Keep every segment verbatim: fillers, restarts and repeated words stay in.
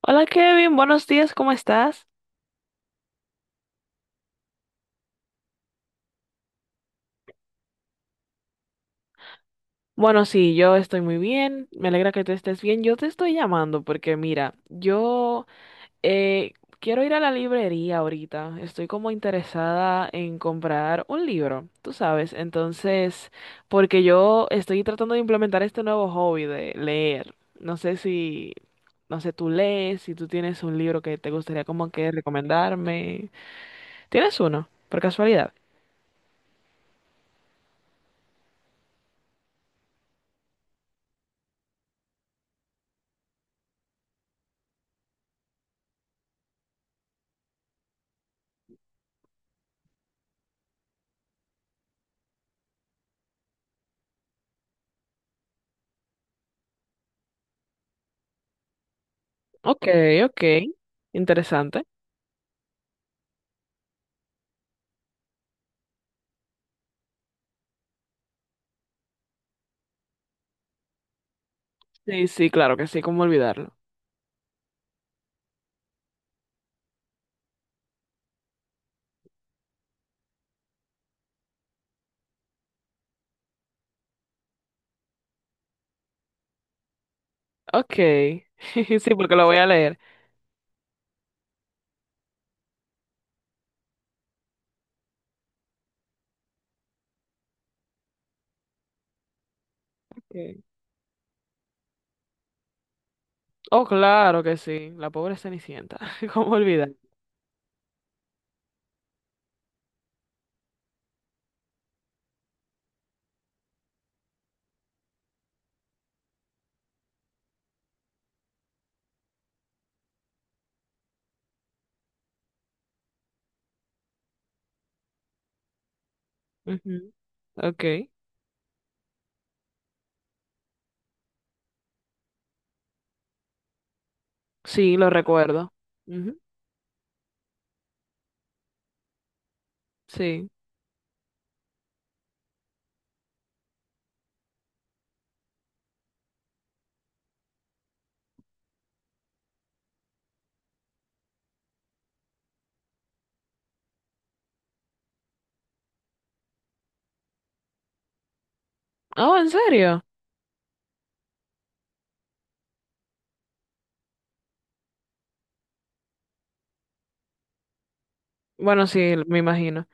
Hola Kevin, buenos días, ¿cómo estás? Bueno, sí, yo estoy muy bien, me alegra que tú estés bien. Yo te estoy llamando porque mira, yo eh, quiero ir a la librería ahorita, estoy como interesada en comprar un libro, tú sabes, entonces, porque yo estoy tratando de implementar este nuevo hobby de leer. No sé si, no sé, tú lees, si tú tienes un libro que te gustaría como que recomendarme. ¿Tienes uno, por casualidad? Ok, ok, interesante. Sí, sí, claro que sí, cómo olvidarlo. Ok, sí, porque lo voy a leer. Ok. Oh, claro que sí, la pobre Cenicienta, cómo olvidar. Ujú, ok, sí, lo recuerdo. Ujú, sí. Oh, ¿en serio? Bueno, sí, me imagino.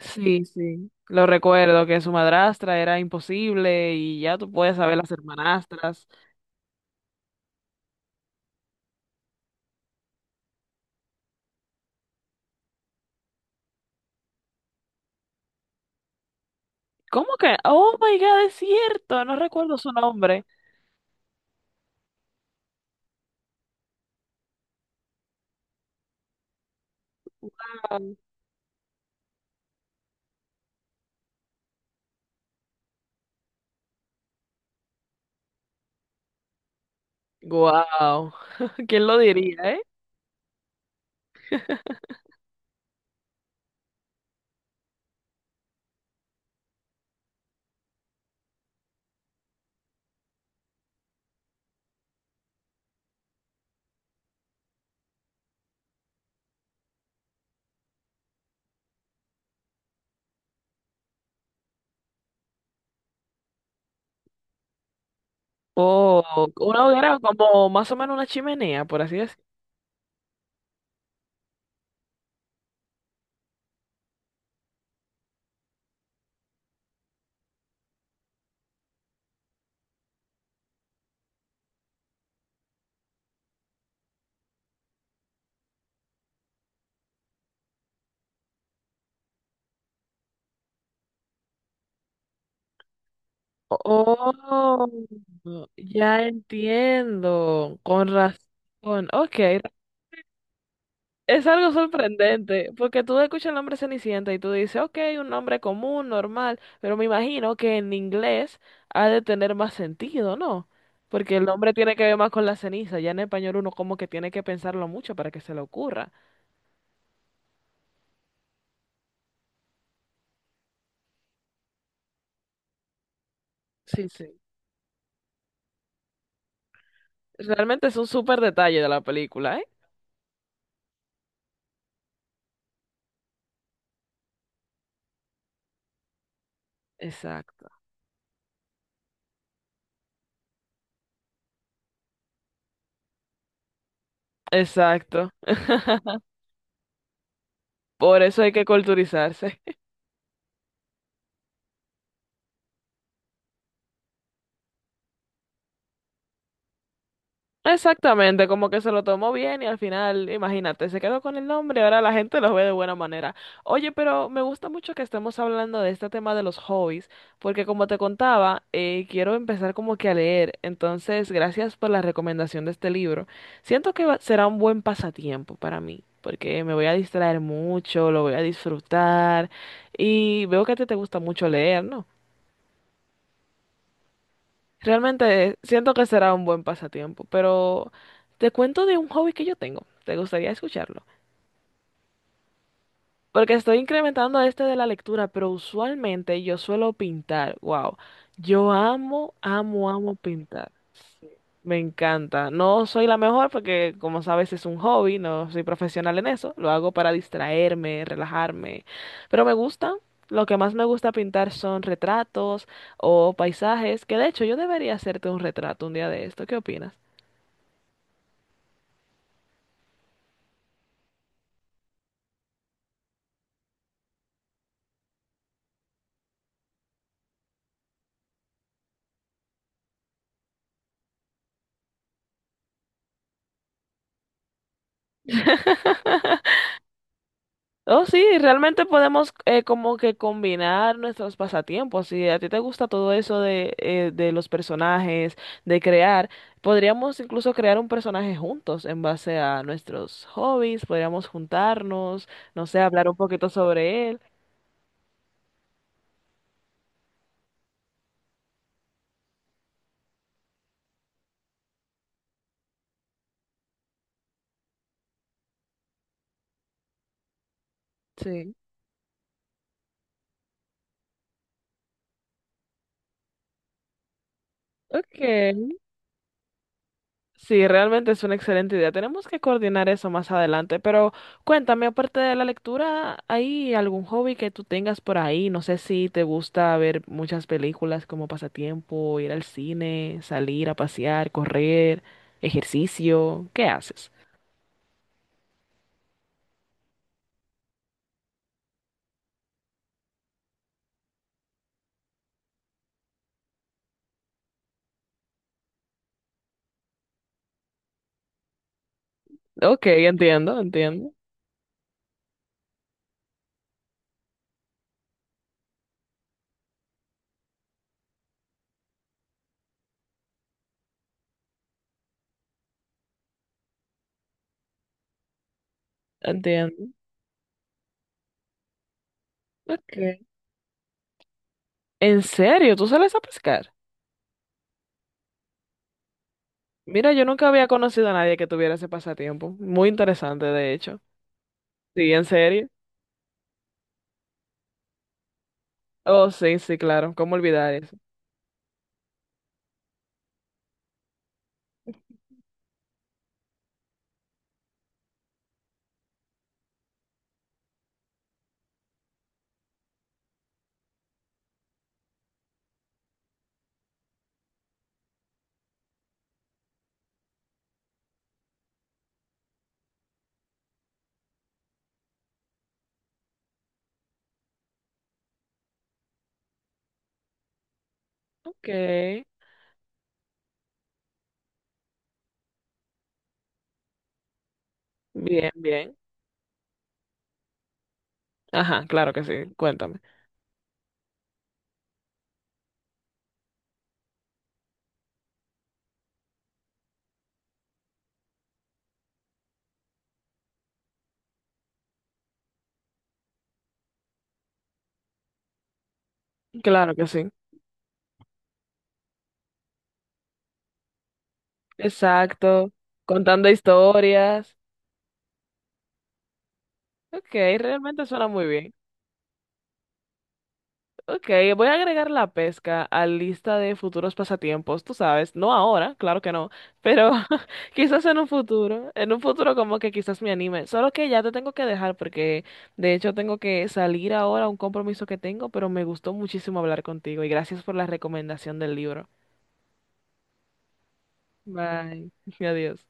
Sí, sí, lo recuerdo, que su madrastra era imposible y ya tú puedes saber las hermanastras. ¿Cómo que? Oh, my God, es cierto, no recuerdo su nombre. Wow, ¿quién lo diría, eh? Oh, una hoguera como más o menos una chimenea, por así decirlo. Oh, ya entiendo. Con razón. Ok. Es algo sorprendente, porque tú escuchas el nombre Cenicienta y tú dices, ok, un nombre común, normal, pero me imagino que en inglés ha de tener más sentido, ¿no? Porque el nombre tiene que ver más con la ceniza, ya en español uno como que tiene que pensarlo mucho para que se le ocurra. Sí, sí. Realmente es un súper detalle de la película, ¿eh? Exacto. Exacto. Por eso hay que culturizarse. Exactamente, como que se lo tomó bien y al final, imagínate, se quedó con el nombre ahora la gente lo ve de buena manera. Oye, pero me gusta mucho que estemos hablando de este tema de los hobbies, porque como te contaba, eh, quiero empezar como que a leer. Entonces, gracias por la recomendación de este libro. Siento que va- será un buen pasatiempo para mí, porque me voy a distraer mucho, lo voy a disfrutar y veo que a ti te gusta mucho leer, ¿no? Realmente siento que será un buen pasatiempo, pero te cuento de un hobby que yo tengo. ¿Te gustaría escucharlo? Porque estoy incrementando este de la lectura, pero usualmente yo suelo pintar. Wow. Yo amo, amo, amo pintar. Me encanta. No soy la mejor porque, como sabes, es un hobby, no soy profesional en eso. Lo hago para distraerme, relajarme. Pero me gusta. Lo que más me gusta pintar son retratos o paisajes, que de hecho yo debería hacerte un retrato un día de esto. ¿Qué opinas? Oh, sí, realmente podemos eh, como que combinar nuestros pasatiempos. Si a ti te gusta todo eso de, eh, de los personajes, de crear, podríamos incluso crear un personaje juntos en base a nuestros hobbies, podríamos juntarnos, no sé, hablar un poquito sobre él. Sí. Ok. Sí, realmente es una excelente idea. Tenemos que coordinar eso más adelante, pero cuéntame, aparte de la lectura, ¿hay algún hobby que tú tengas por ahí? No sé si te gusta ver muchas películas como pasatiempo, ir al cine, salir a pasear, correr, ejercicio, ¿qué haces? Ok, entiendo, entiendo, entiendo. Okay. ¿En serio? ¿Tú sales a pescar? Mira, yo nunca había conocido a nadie que tuviera ese pasatiempo. Muy interesante, de hecho. Sí, en serio. Oh, sí, sí, claro. ¿Cómo olvidar eso? Ok, bien, bien. Ajá, claro que sí, cuéntame. Claro que sí. Exacto. Contando historias. Ok, realmente suena muy bien. Ok, voy a agregar la pesca a lista de futuros pasatiempos, tú sabes, no ahora, claro que no, pero quizás en un futuro, en un futuro como que quizás me anime, solo que ya te tengo que dejar porque de hecho tengo que salir ahora a un compromiso que tengo, pero me gustó muchísimo hablar contigo y gracias por la recomendación del libro. Bye, adiós.